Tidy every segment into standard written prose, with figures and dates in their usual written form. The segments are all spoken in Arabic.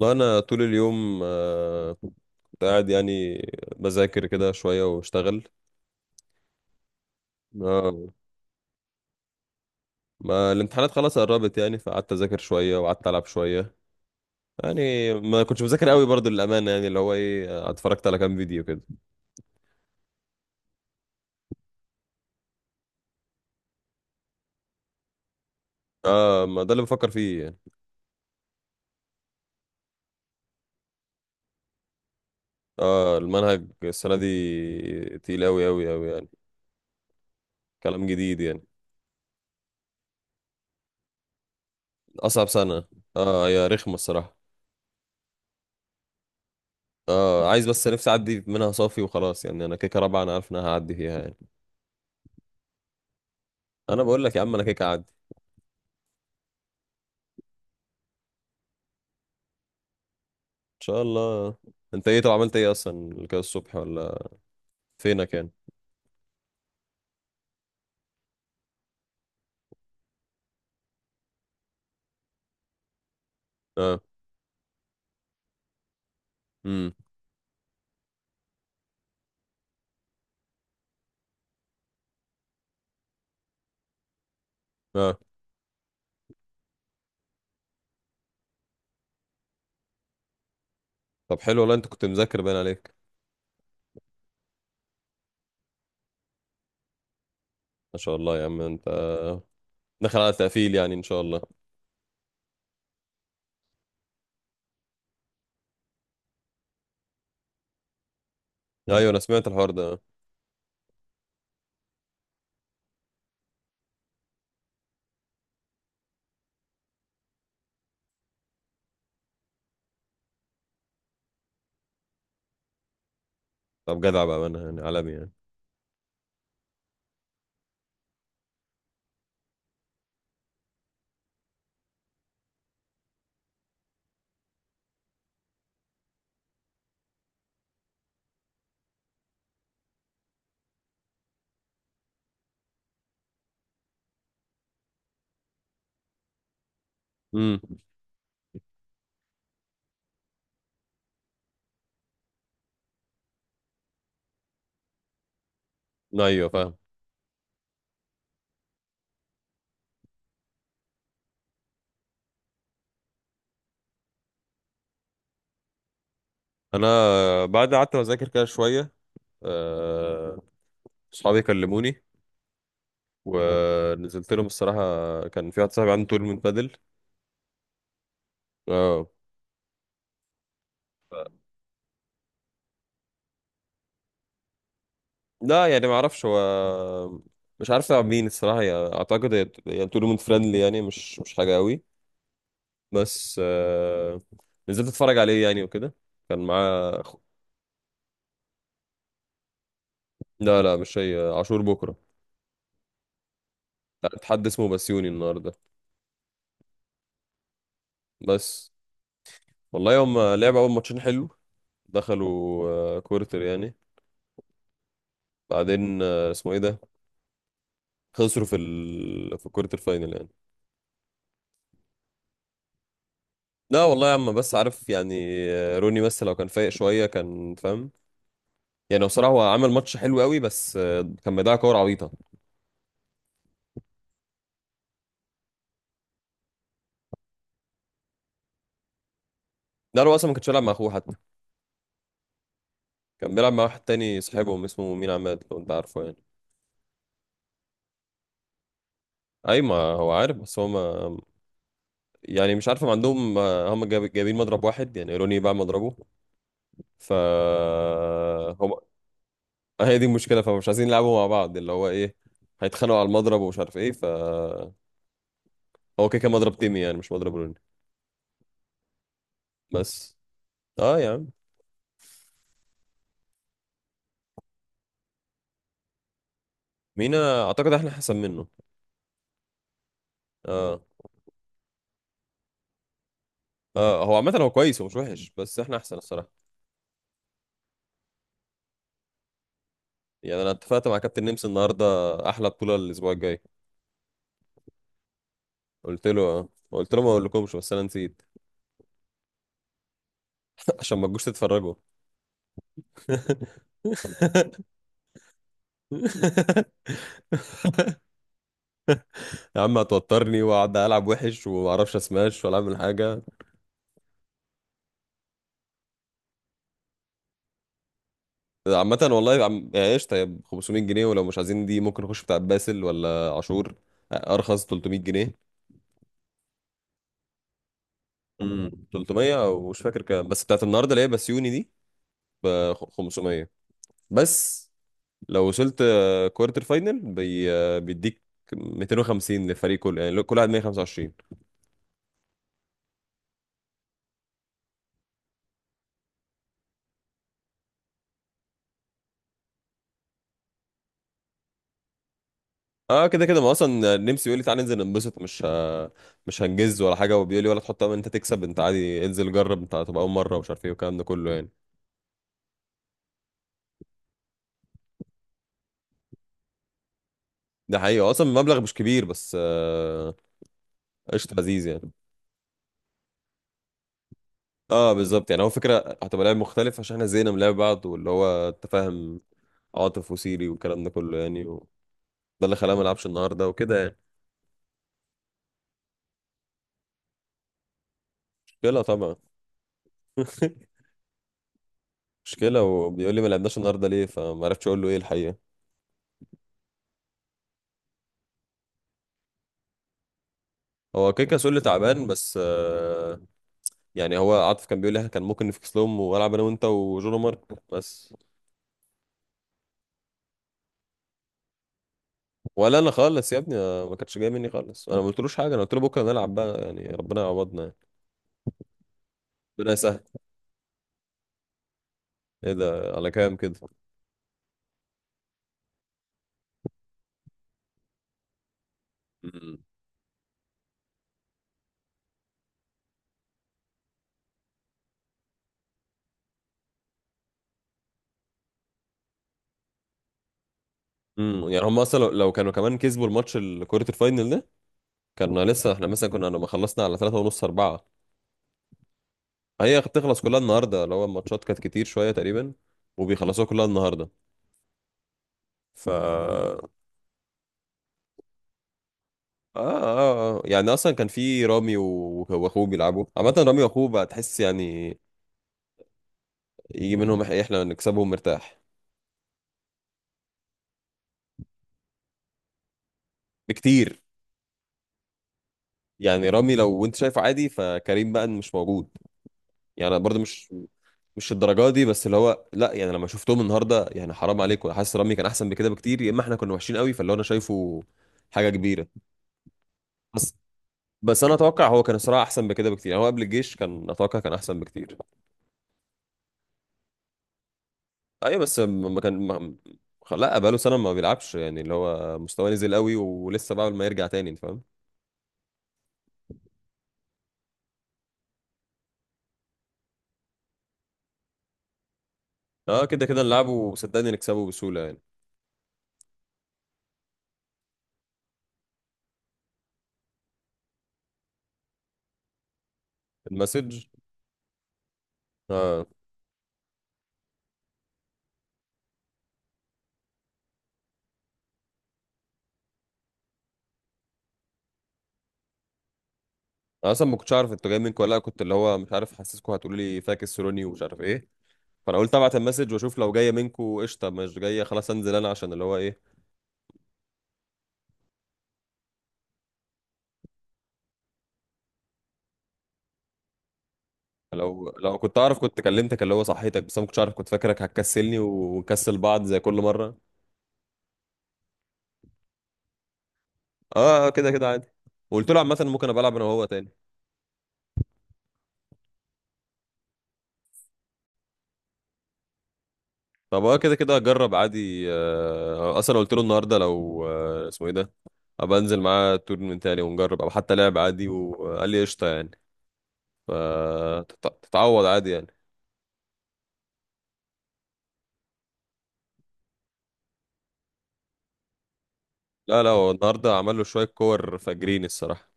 لا انا طول اليوم كنت قاعد يعني بذاكر كده شويه واشتغل. اه، ما الامتحانات خلاص قربت يعني فقعدت اذاكر شويه وقعدت العب شويه يعني، ما كنتش بذاكر قوي برضو للامانه يعني اللي هو ايه، اتفرجت على كام فيديو كده. اه ما ده اللي بفكر فيه يعني. اه المنهج السنه دي تقيل قوي قوي قوي يعني، كلام جديد يعني، اصعب سنه. اه هي رخمه الصراحه. اه عايز بس نفسي اعدي منها صافي وخلاص يعني، انا كيكه رابعه انا عارف ان انا هعدي فيها يعني، انا بقول لك يا عم انا كيكه اعدي. شاء الله. انت ايه طب عملت ايه اصلا كده الصبح ولا فينك يعني؟ اه. امم اه. طب حلو والله انت كنت مذاكر باين عليك. ما شاء الله يا عم انت داخل على تقفيل يعني ان شاء الله. ايوه انا سمعت الحوار ده. طب جدع بقى انا يعني عالمي يعني. امم ايوه فاهم. انا بعد قعدت اذاكر كده شويه، آه، اصحابي كلموني ونزلت لهم الصراحه. كان في واحد صاحبي عنده تورنمنت بادل. اه. لا يعني ما اعرفش، هو مش عارف تلعب مين الصراحه يعني، اعتقد هي يعني تورنمنت فريندلي يعني، مش حاجه قوي. بس نزلت اتفرج عليه يعني وكده. كان معاه لا لا مش هي، عاشور بكره. لا حد اسمه بسيوني النهارده بس. والله هم لعبوا اول ماتشين حلو، دخلوا كورتر يعني، بعدين اسمه ايه ده، خسروا في الكورتر فاينل يعني. لا والله يا عم، بس عارف يعني، روني بس لو كان فايق شويه كان فاهم يعني. بصراحة هو عمل ماتش حلو قوي، بس كان بيضيع كور عبيطة. ده هو أصلا ما كانش بيلعب مع أخوه حتى، كان بيلعب مع واحد تاني صاحبهم اسمه مين، عماد لو أنت عارفه يعني. أي ما هو عارف، بس هو ما يعني مش عارف، ما عندهم، هم جايبين مضرب واحد يعني، روني باع مضربه. ف هم هي دي المشكلة، فمش عايزين يلعبوا مع بعض، اللي هو إيه، هيتخانقوا على المضرب ومش عارف إيه. هو كده كده مضرب تيمي يعني، مش مضرب روني بس. أه يا عم. مينا أعتقد إحنا أحسن منه. أه. آه هو عامة هو كويس ومش وحش، بس احنا احسن الصراحة. يعني انا اتفقت مع كابتن نمس النهارده، احلى بطوله الاسبوع الجاي. قلت له قلت له ما اقولكمش بس انا نسيت. عشان ما تجوش تتفرجوا. يا عم هتوترني واقعد العب وحش وما اعرفش اسماش ولا اعمل حاجه. عامه والله يعني ايش، طيب 500 جنيه، ولو مش عايزين دي ممكن نخش بتاع باسل ولا عاشور ارخص 300 جنيه. امم، 300 او مش فاكر كام، بس بتاعت النهارده اللي هي بسيوني دي ب 500 بس. لو وصلت كوارتر فاينل بي... آه، بيديك 250 للفريق كله يعني، كل واحد 125. اه كده كده، ما اصلا نمسي بيقول لي تعالى ننزل ننبسط، مش هنجز ولا حاجه، وبيقول لي ولا تحط امل إن انت تكسب، انت عادي انزل جرب، انت هتبقى اول مره ومش عارف ايه والكلام ده كله يعني. ده حقيقي اصلا المبلغ مش كبير، بس قشطه لذيذ يعني. اه بالظبط، يعني هو فكره، هتبقى لعب مختلف عشان احنا زهقنا من لعب بعض، واللي هو تفاهم عاطف وسيري والكلام ده كله يعني ده اللي خلاه ما لعبش النهارده وكده يعني. مشكله طبعا. مشكلة، وبيقول لي ما لعبناش النهارده ليه، فما عرفتش اقول له ايه الحقيقة. هو كيكا سولي تعبان، بس يعني هو عاطف كان بيقول لي إحنا كان ممكن نفكس لهم والعب انا وانت وجون مارك بس. ولا انا خالص يا ابني، ما كانتش جايه مني خالص، انا ما قلتلوش حاجه، انا قلت له بكره نلعب بقى يعني ربنا يعوضنا يعني. ربنا يسهل. ايه ده على كام كده؟ امم. أمم، يعني هم اصلا لو كانوا كمان كسبوا الماتش كرة الفاينل ده، كنا لسه احنا مثلا كنا لما خلصنا على 3 ونص 4. هي هتخلص كلها النهارده، اللي هو الماتشات كانت كتير شويه تقريبا، وبيخلصوها كلها النهارده. ف آه, آه يعني، أصلا كان في رامي وأخوه بيلعبوا، عامة رامي وأخوه بقى تحس يعني يجي منهم، إحنا نكسبهم مرتاح. بكتير. يعني رامي لو أنت شايفه عادي، فكريم بقى مش موجود، يعني برضه مش الدرجة دي، بس اللي هو لا يعني لما شفتهم النهاردة يعني حرام عليكم، حاسس رامي كان أحسن بكده بكتير، يا إما إحنا كنا وحشين قوي، فاللي هو أنا شايفه حاجة كبيرة. بس بس أنا أتوقع هو كان الصراحة أحسن بكده بكتير، يعني هو قبل الجيش كان أتوقع كان أحسن بكتير. ايوه بس م- ما كان ما... خ- لا بقاله سنه ما بيلعبش يعني، اللي هو مستواه نزل قوي ولسه بقى ما يرجع تاني، انت فاهم. اه كده كده نلعبه وصدقني نكسبه بسهوله يعني. المسج. اه انا اصلا ما كنتش عارف انتوا جايين منكم ولا لأ، كنت اللي هو مش عارف، حاسسكم هتقولوا لي فاكس روني ومش عارف ايه، فانا قلت ابعت المسج واشوف، لو جايه منكم قشطه، مش جايه خلاص انزل انا عشان اللي هو ايه. لو كنت اعرف كنت كلمتك، اللي هو صحيتك، بس انا ما كنتش عارف، كنت فاكرك هتكسلني ونكسل بعض زي كل مره. اه كده كده عادي، وقلت له عامه ممكن ابقى العب انا وهو تاني. طب اه كده كده هجرب عادي، اصلا قلت له النهارده لو اسمه ايه ده، ابقى انزل معاه تورنمنت تاني ونجرب او حتى لعب عادي، وقال لي قشطه يعني، فتتعوض عادي يعني. لا لا هو النهارده عمل له شويه كور فاجرين الصراحه.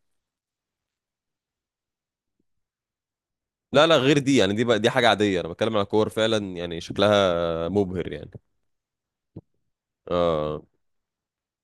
لا لا غير دي يعني، دي بقى دي حاجه عاديه، انا بتكلم على كور فعلا يعني شكلها مبهر يعني. اه